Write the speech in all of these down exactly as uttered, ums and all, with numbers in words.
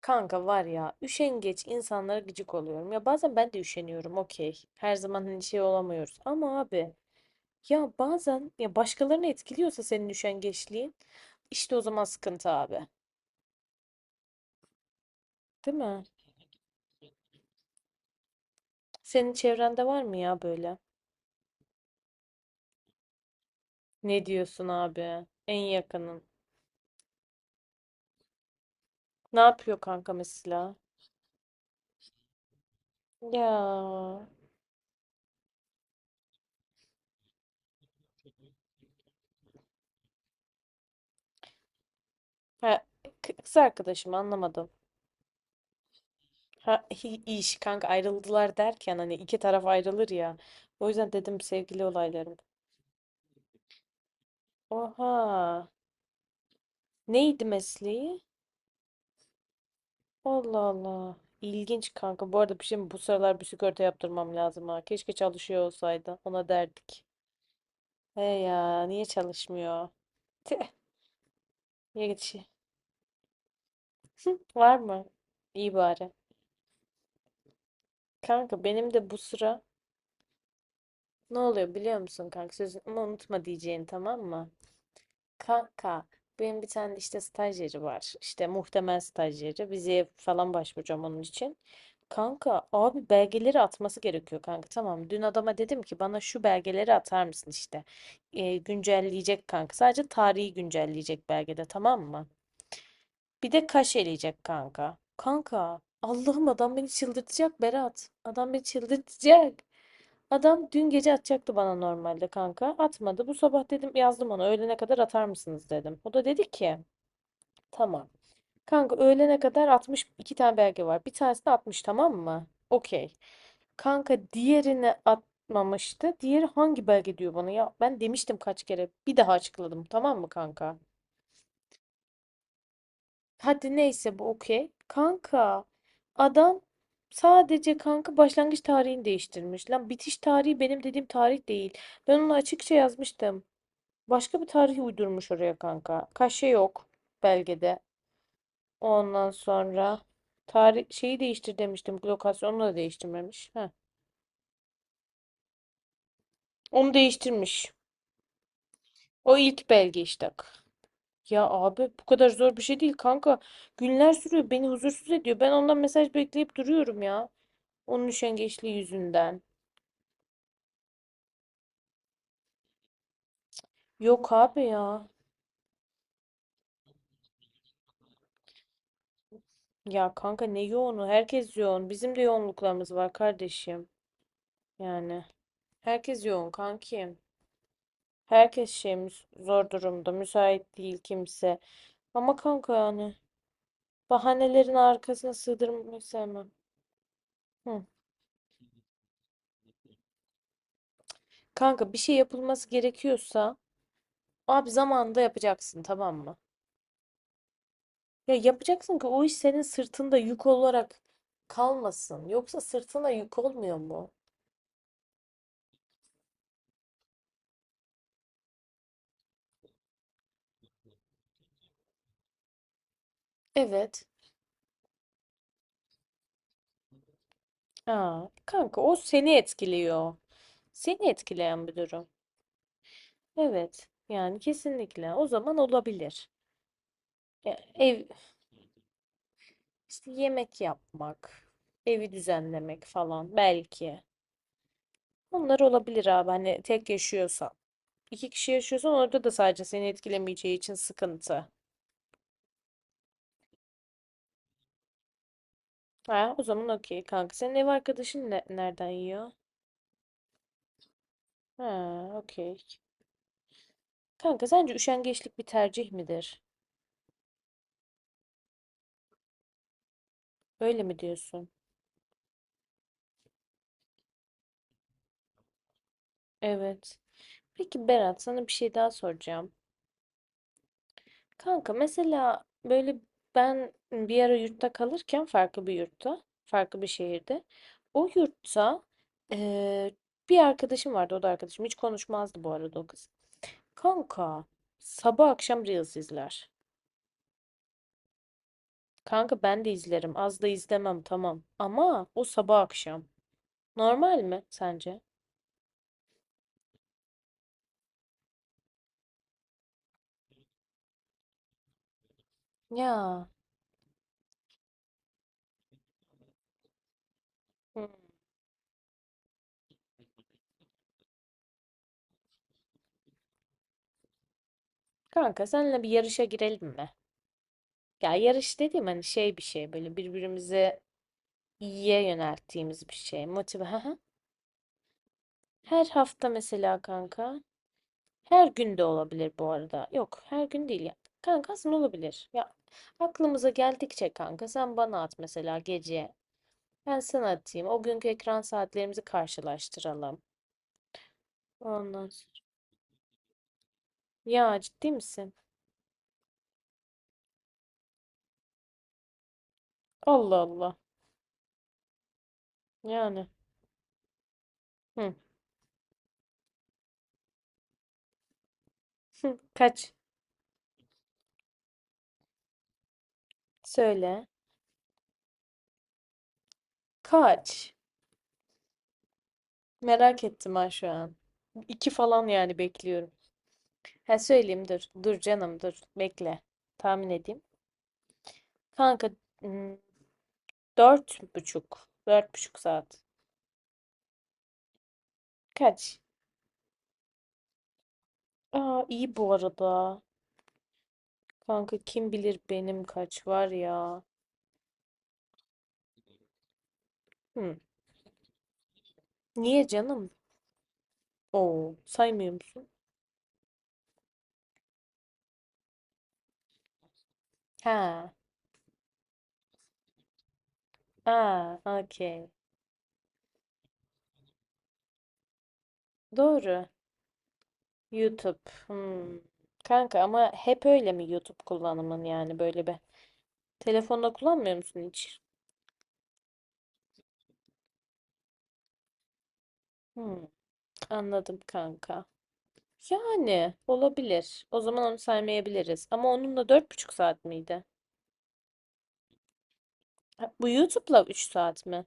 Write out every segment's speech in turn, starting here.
Kanka var ya üşengeç insanlara gıcık oluyorum. Ya bazen ben de üşeniyorum okey. Her zaman hani şey olamıyoruz. Ama abi ya bazen ya başkalarını etkiliyorsa senin üşengeçliğin işte o zaman sıkıntı abi. Değil mi? Senin çevrende var mı ya böyle? Ne diyorsun abi? En yakının. Ne yapıyor kanka mesela? Ya ha, k- kız arkadaşım anlamadım. Ha, hi- iş kanka ayrıldılar derken hani iki taraf ayrılır ya. O yüzden dedim sevgili olaylarım. Oha. Neydi mesleği? Allah Allah. İlginç kanka. Bu arada bir şey mi? Bu sıralar bir sigorta yaptırmam lazım ha. Keşke çalışıyor olsaydı. Ona derdik. He ya niye çalışmıyor? Tüh. Ya geçi. Var mı? İyi bari. Kanka benim de bu sıra ne oluyor biliyor musun kanka? Sözünü ama unutma diyeceğini tamam mı? Kanka benim bir tane işte stajyeri var. İşte muhtemel stajyeri. Yeri. Vizeye falan başvuracağım onun için. Kanka abi belgeleri atması gerekiyor kanka. Tamam dün adama dedim ki bana şu belgeleri atar mısın işte. Ee, güncelleyecek kanka. Sadece tarihi güncelleyecek belgede tamam mı? Bir de kaşeleyecek kanka. Kanka Allah'ım adam beni çıldırtacak Berat. Adam beni çıldırtacak. Adam dün gece atacaktı bana normalde kanka. Atmadı. Bu sabah dedim yazdım ona öğlene kadar atar mısınız dedim. O da dedi ki tamam. Kanka öğlene kadar atmış iki tane belge var. Bir tanesini atmış tamam mı? Okey. Kanka diğerini atmamıştı. Diğeri hangi belge diyor bana ya? Ben demiştim kaç kere. Bir daha açıkladım tamam mı kanka? Hadi neyse bu okey. Kanka adam sadece kanka başlangıç tarihini değiştirmiş. Lan bitiş tarihi benim dediğim tarih değil. Ben onu açıkça yazmıştım. Başka bir tarihi uydurmuş oraya kanka. Kaşe yok belgede. Ondan sonra tarih şeyi değiştir demiştim. Lokasyonu da değiştirmemiş. Heh. Onu değiştirmiş. O ilk belge işte. Ya abi bu kadar zor bir şey değil kanka. Günler sürüyor. Beni huzursuz ediyor. Ben ondan mesaj bekleyip duruyorum ya. Onun üşengeçliği yüzünden. Yok abi ya. Ya kanka ne yoğunu? Herkes yoğun. Bizim de yoğunluklarımız var kardeşim. Yani herkes yoğun kankim. Herkes şey müs- zor durumda. Müsait değil kimse. Ama kanka yani bahanelerin arkasına sığdırmayı sevmem. Hı. Kanka bir şey yapılması gerekiyorsa abi zamanında yapacaksın tamam mı? Ya yapacaksın ki o iş senin sırtında yük olarak kalmasın. Yoksa sırtına yük olmuyor mu? Evet. Ya kanka o seni etkiliyor. Seni etkileyen bir durum. Evet. Yani kesinlikle. O zaman olabilir. Ya, ev işte yemek yapmak, evi düzenlemek falan belki. Bunlar olabilir abi. Hani tek yaşıyorsan. İki kişi yaşıyorsan orada da sadece seni etkilemeyeceği için sıkıntı. Ha, o zaman okey kanka. Senin ev arkadaşın ne- nereden yiyor? Ha, okey. Kanka sence üşengeçlik bir tercih midir? Öyle mi diyorsun? Evet. Peki Berat sana bir şey daha soracağım. Kanka mesela böyle ben bir ara yurtta kalırken farklı bir yurtta, farklı bir şehirde. O yurtta eee, bir arkadaşım vardı o da arkadaşım. Hiç konuşmazdı bu arada o kız. Kanka sabah akşam Reels izler. Kanka ben de izlerim. Az da izlemem tamam. Ama o sabah akşam. Normal mi sence? Ya. Hmm. Kanka seninle bir yarışa girelim mi? Ya yarış dediğim hani şey bir şey böyle birbirimize iyiye yönelttiğimiz bir şey. Motive. Hı hı. Her hafta mesela kanka. Her gün de olabilir bu arada. Yok, her gün değil ya. Kanka aslında olabilir. Ya aklımıza geldikçe kanka sen bana at mesela gece. Ben sana atayım. O günkü ekran saatlerimizi karşılaştıralım. Ondan sonra. Ya ciddi misin? Allah Allah. Yani. Hı. Hı. Kaç? Söyle. Kaç? Merak ettim ha şu an. İki falan yani bekliyorum. Ha söyleyeyim dur. Dur canım dur. Bekle. Tahmin edeyim. Kanka hmm, dört buçuk. Dört buçuk saat. Kaç? Aa iyi bu arada. Kanka kim bilir benim kaç var ya. Hmm. Niye canım? Oo saymıyor musun? Ha. Aa okey. Doğru. YouTube. Hmm. Kanka ama hep öyle mi YouTube kullanımın yani böyle bir. Telefonda kullanmıyor musun hiç? Hmm, anladım kanka. Yani olabilir. O zaman onu saymayabiliriz. Ama onun da dört buçuk saat miydi? Ha, bu YouTube'la üç saat mi?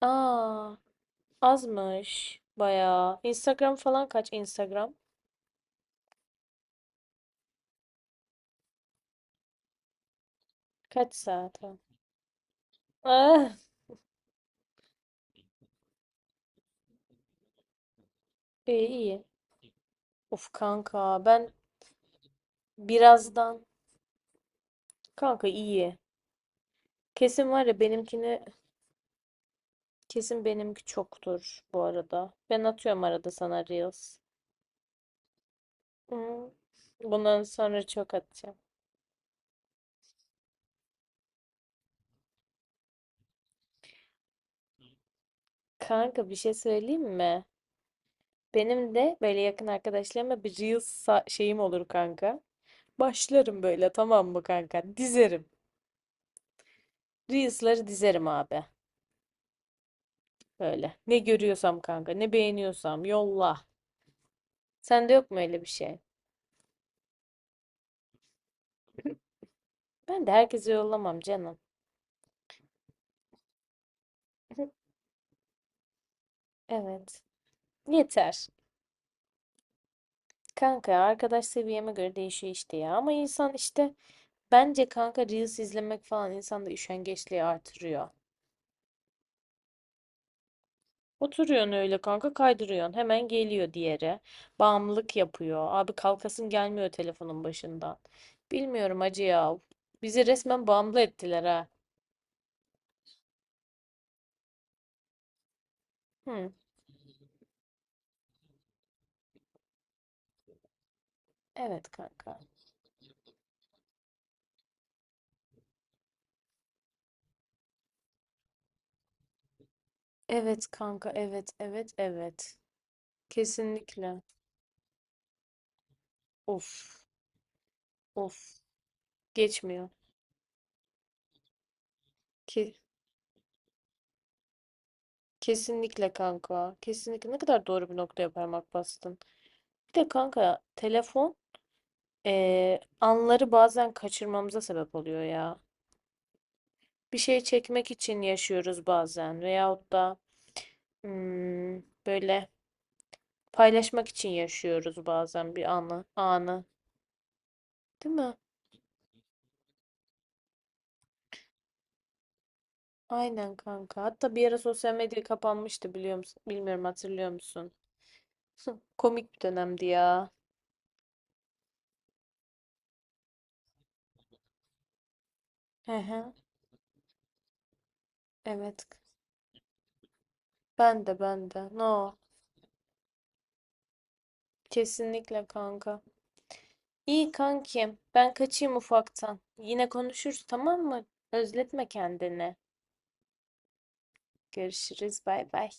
Aa, azmış. Bayağı. Instagram falan kaç Instagram? Kaç saat? Ha? Ah, iyi iyi. Of kanka ben birazdan kanka iyi. Kesin var ya benimkini kesin benimki çoktur bu arada. Ben atıyorum arada sana Reels. Hmm, Bundan sonra çok atacağım. Kanka bir şey söyleyeyim mi? Benim de böyle yakın arkadaşlarıma bir Reels sa- şeyim olur kanka. Başlarım böyle tamam mı kanka? Dizerim. Reels'ları dizerim abi. Böyle. Ne görüyorsam kanka, ne beğeniyorsam yolla. Sende yok mu öyle bir şey? Ben de herkese yollamam canım. Evet. Yeter. Kanka arkadaş seviyeme göre değişiyor işte ya. Ama insan işte bence kanka Reels izlemek falan insanda üşengeçliği artırıyor. Oturuyorsun öyle kanka kaydırıyorsun. Hemen geliyor diğeri. Bağımlılık yapıyor. Abi kalkasın gelmiyor telefonun başından. Bilmiyorum acı ya. Bizi resmen bağımlı ettiler ha. Hı, evet kanka. Evet kanka evet evet evet. Kesinlikle. Of of. Geçmiyor. Ki kesinlikle kanka. Kesinlikle ne kadar doğru bir noktaya parmak bastın. Bir de kanka telefon eee, anları bazen kaçırmamıza sebep oluyor ya. Bir şey çekmek için yaşıyoruz bazen veyahut da hmm, böyle paylaşmak için yaşıyoruz bazen bir anı, anı. Değil mi? Aynen kanka. Hatta bir ara sosyal medya kapanmıştı biliyor musun? Bilmiyorum hatırlıyor musun? Hı, komik bir dönemdi ya. Hı hı. Evet. Ben de ben de. No. Kesinlikle kanka. İyi kankim. Ben kaçayım ufaktan. Yine konuşuruz tamam mı? Özletme kendini. Görüşürüz. Bay bay.